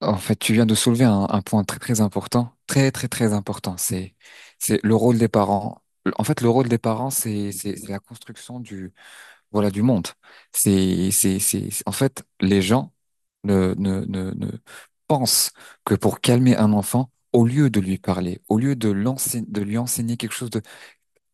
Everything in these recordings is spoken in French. En fait, tu viens de soulever un point très très important, très très très important. C'est le rôle des parents. En fait, le rôle des parents, c'est la construction du, voilà, du monde. C'est en fait les gens ne pensent que pour calmer un enfant, au lieu de lui parler, au lieu de l'enseigner de lui enseigner quelque chose de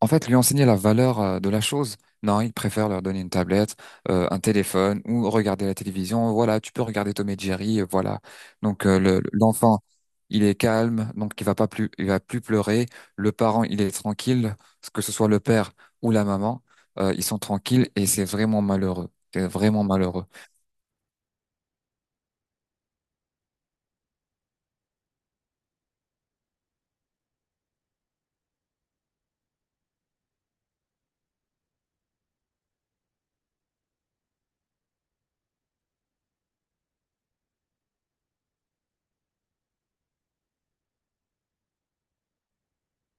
en fait, lui enseigner la valeur de la chose. Non, il préfère leur donner une tablette, un téléphone ou regarder la télévision. Voilà, tu peux regarder Tom et Jerry, voilà. Donc l'enfant, il est calme, donc il va pas plus, il va plus pleurer. Le parent, il est tranquille, que ce soit le père ou la maman, ils sont tranquilles et c'est vraiment malheureux. C'est vraiment malheureux.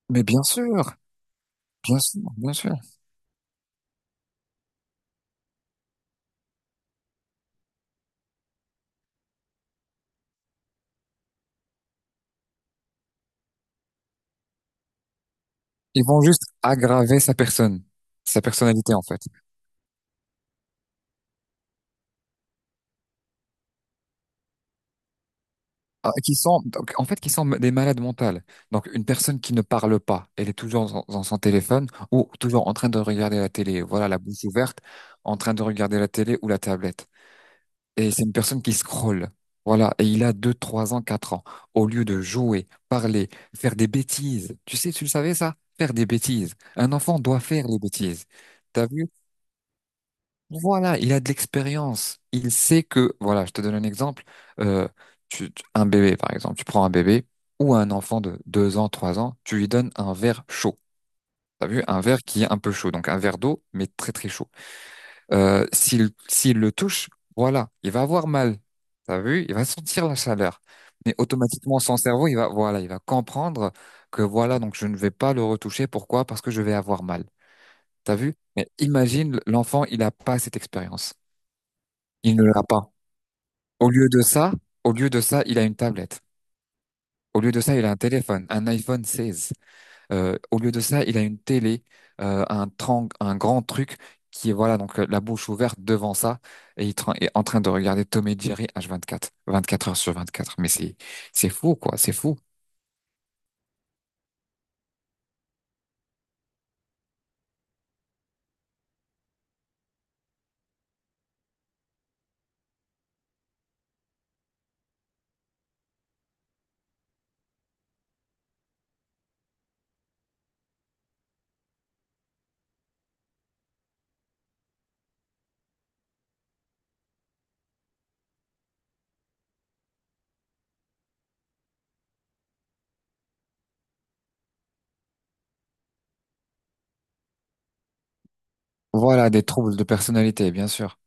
Mais bien sûr, bien sûr, bien sûr. Ils vont juste aggraver sa personne, sa personnalité en fait. Ah, qui sont donc, en fait qui sont des malades mentales. Donc une personne qui ne parle pas, elle est toujours dans, dans son téléphone ou toujours en train de regarder la télé, voilà la bouche ouverte, en train de regarder la télé ou la tablette. Et c'est une personne qui scrolle. Voilà, et il a deux, 3 ans, 4 ans. Au lieu de jouer, parler, faire des bêtises. Tu sais, tu le savais ça? Faire des bêtises. Un enfant doit faire les bêtises. T'as vu? Voilà, il a de l'expérience. Il sait que, voilà, je te donne un exemple. Euh, un bébé, par exemple, tu prends un bébé ou un enfant de 2 ans, 3 ans, tu lui donnes un verre chaud. T'as vu, un verre qui est un peu chaud, donc un verre d'eau, mais très très chaud. S'il le touche, voilà, il va avoir mal. T'as vu, il va sentir la chaleur. Mais automatiquement, son cerveau, il va, voilà, il va comprendre que voilà, donc je ne vais pas le retoucher. Pourquoi? Parce que je vais avoir mal. T'as vu? Mais imagine, l'enfant, il n'a pas cette expérience. Il ne l'a pas. Au lieu de ça, au lieu de ça, il a une tablette. Au lieu de ça, il a un téléphone, un iPhone 16. Au lieu de ça, il a une télé, un grand truc qui est voilà donc la bouche ouverte devant ça et il est en train de regarder Tom et Jerry H24, 24 heures sur 24. Mais c'est fou quoi, c'est fou. Voilà des troubles de personnalité, bien sûr.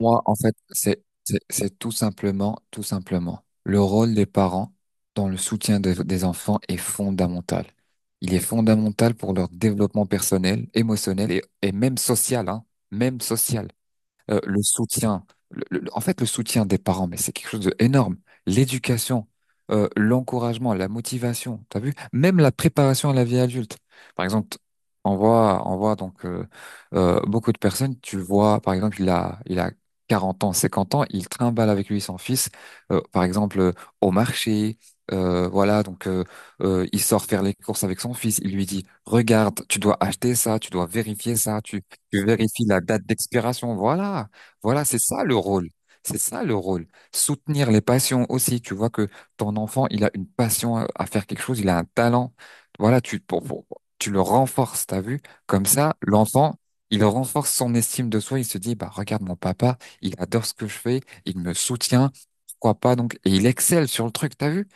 Moi, en fait, c'est tout simplement, le rôle des parents dans le soutien des enfants est fondamental. Il est fondamental pour leur développement personnel, émotionnel et même social, hein, même social le soutien, en fait, le soutien des parents, mais c'est quelque chose d'énorme. L'éducation, l'encouragement, la motivation, t'as vu? Même la préparation à la vie adulte. Par exemple, on voit donc beaucoup de personnes, tu le vois, par exemple, il a 40 ans, 50 ans, il trimballe avec lui son fils, par exemple, au marché. Voilà, donc il sort faire les courses avec son fils. Il lui dit, regarde, tu dois acheter ça, tu dois vérifier ça, tu vérifies la date d'expiration. Voilà, voilà, c'est ça le rôle. C'est ça le rôle. Soutenir les passions aussi. Tu vois que ton enfant, il a une passion à faire quelque chose, il a un talent. Voilà, tu le renforces, t'as vu? Comme ça, l'enfant, il renforce son estime de soi. Il se dit, bah, regarde mon papa, il adore ce que je fais, il me soutient. Pourquoi pas donc? Et il excelle sur le truc, t'as vu?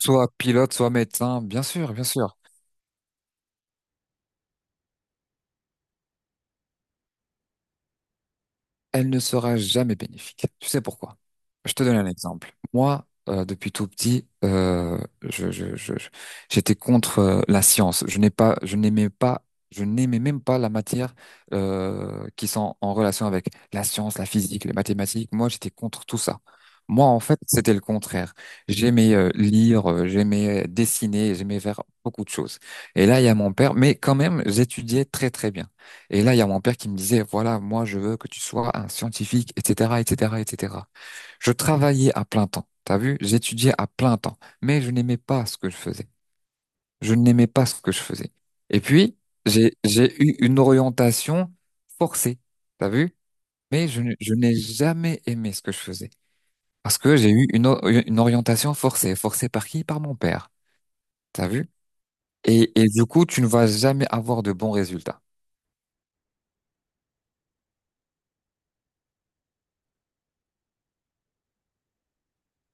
Soit pilote, soit médecin, bien sûr, bien sûr. Elle ne sera jamais bénéfique. Tu sais pourquoi? Je te donne un exemple. Moi, depuis tout petit, j'étais contre la science. Je n'ai pas, je n'aimais pas, je n'aimais même pas la matière qui sont en relation avec la science, la physique, les mathématiques. Moi, j'étais contre tout ça. Moi, en fait, c'était le contraire. J'aimais lire, j'aimais dessiner, j'aimais faire beaucoup de choses. Et là, il y a mon père, mais quand même, j'étudiais très très bien. Et là, il y a mon père qui me disait, voilà, moi, je veux que tu sois un scientifique, etc., etc., etc. Je travaillais à plein temps. T'as vu? J'étudiais à plein temps. Mais je n'aimais pas ce que je faisais. Je n'aimais pas ce que je faisais. Et puis, j'ai eu une orientation forcée. T'as vu? Mais je n'ai jamais aimé ce que je faisais. Parce que j'ai eu une, une orientation forcée. Forcée par qui? Par mon père. T'as vu? Et du coup, tu ne vas jamais avoir de bons résultats.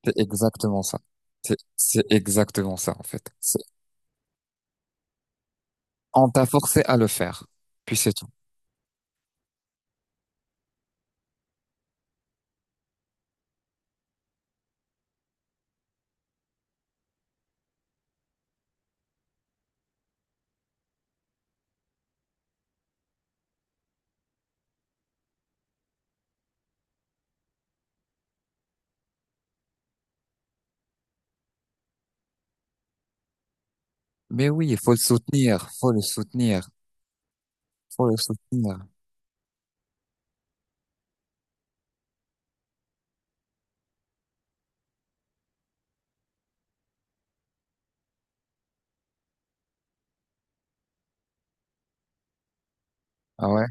C'est exactement ça. C'est exactement ça, en fait. C'est, on t'a forcé à le faire. Puis c'est tout. Mais oui, il faut le soutenir, faut le soutenir, faut le soutenir. Ah ouais?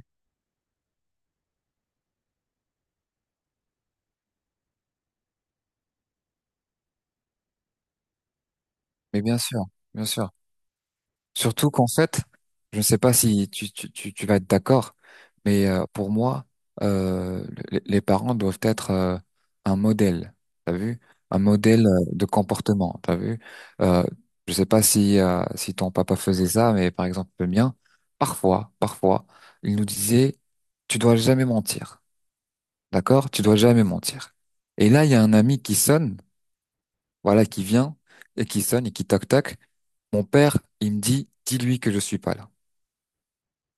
Mais bien sûr, bien sûr. Surtout qu'en fait, je ne sais pas si tu vas être d'accord, mais pour moi, euh, les parents doivent être un modèle, t'as vu? Un modèle de comportement, t'as vu? Euh, je ne sais pas si, si ton papa faisait ça, mais par exemple le mien, parfois, parfois, il nous disait, tu dois jamais mentir, d'accord? Tu dois jamais mentir. Et là, il y a un ami qui sonne, voilà, qui vient, et qui sonne, et qui toc-toc. Mon père, il me dit, dis-lui que je suis pas là.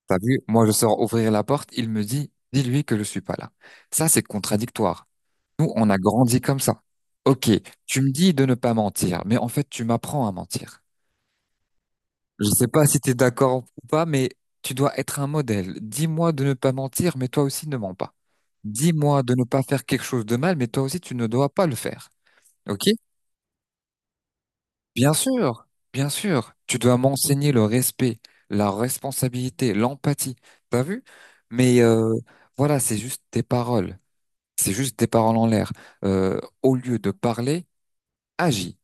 T'as vu, moi je sors ouvrir la porte, il me dit, dis-lui que je suis pas là. Ça, c'est contradictoire. Nous, on a grandi comme ça. Ok, tu me dis de ne pas mentir, mais en fait, tu m'apprends à mentir. Je sais pas si tu es d'accord ou pas, mais tu dois être un modèle. Dis-moi de ne pas mentir, mais toi aussi ne mens pas. Dis-moi de ne pas faire quelque chose de mal, mais toi aussi tu ne dois pas le faire. Ok? Bien sûr, tu dois m'enseigner le respect, la responsabilité, l'empathie. T'as vu? Mais voilà, c'est juste des paroles. C'est juste des paroles en l'air. Au lieu de parler, agis.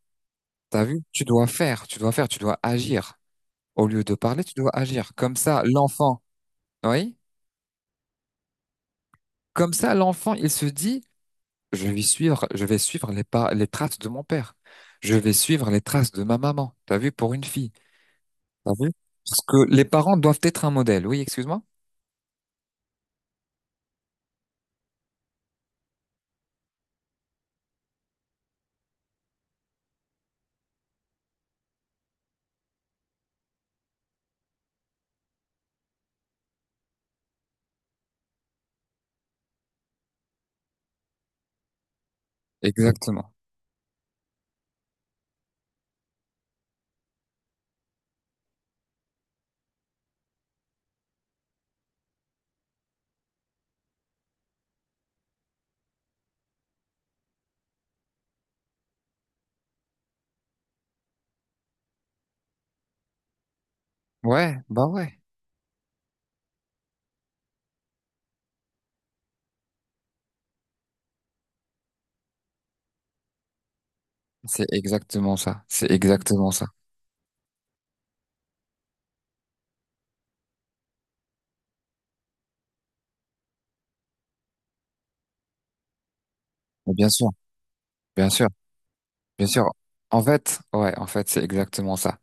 T'as vu? Tu dois faire, tu dois faire, tu dois agir. Au lieu de parler, tu dois agir. Comme ça, l'enfant, oui? Comme ça, l'enfant, il se dit, je vais suivre les pas, les traces de mon père. Je vais suivre les traces de ma maman. T'as vu? Pour une fille. T'as vu? Parce que les parents doivent être un modèle. Oui, excuse-moi? Exactement. Ouais, bah ouais. C'est exactement ça. C'est exactement ça. Mais bien sûr, bien sûr, bien sûr. En fait, ouais, en fait, c'est exactement ça.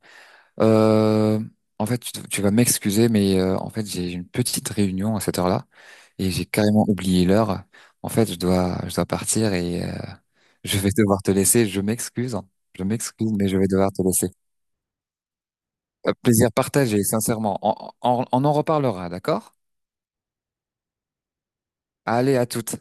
Euh, en fait, tu vas m'excuser, mais en fait, j'ai une petite réunion à cette heure-là et j'ai carrément oublié l'heure. En fait, je dois partir et je vais devoir te laisser. Je m'excuse. Hein. Je m'excuse, mais je vais devoir te laisser. Plaisir partagé, sincèrement. On en reparlera, d'accord? Allez, à toutes.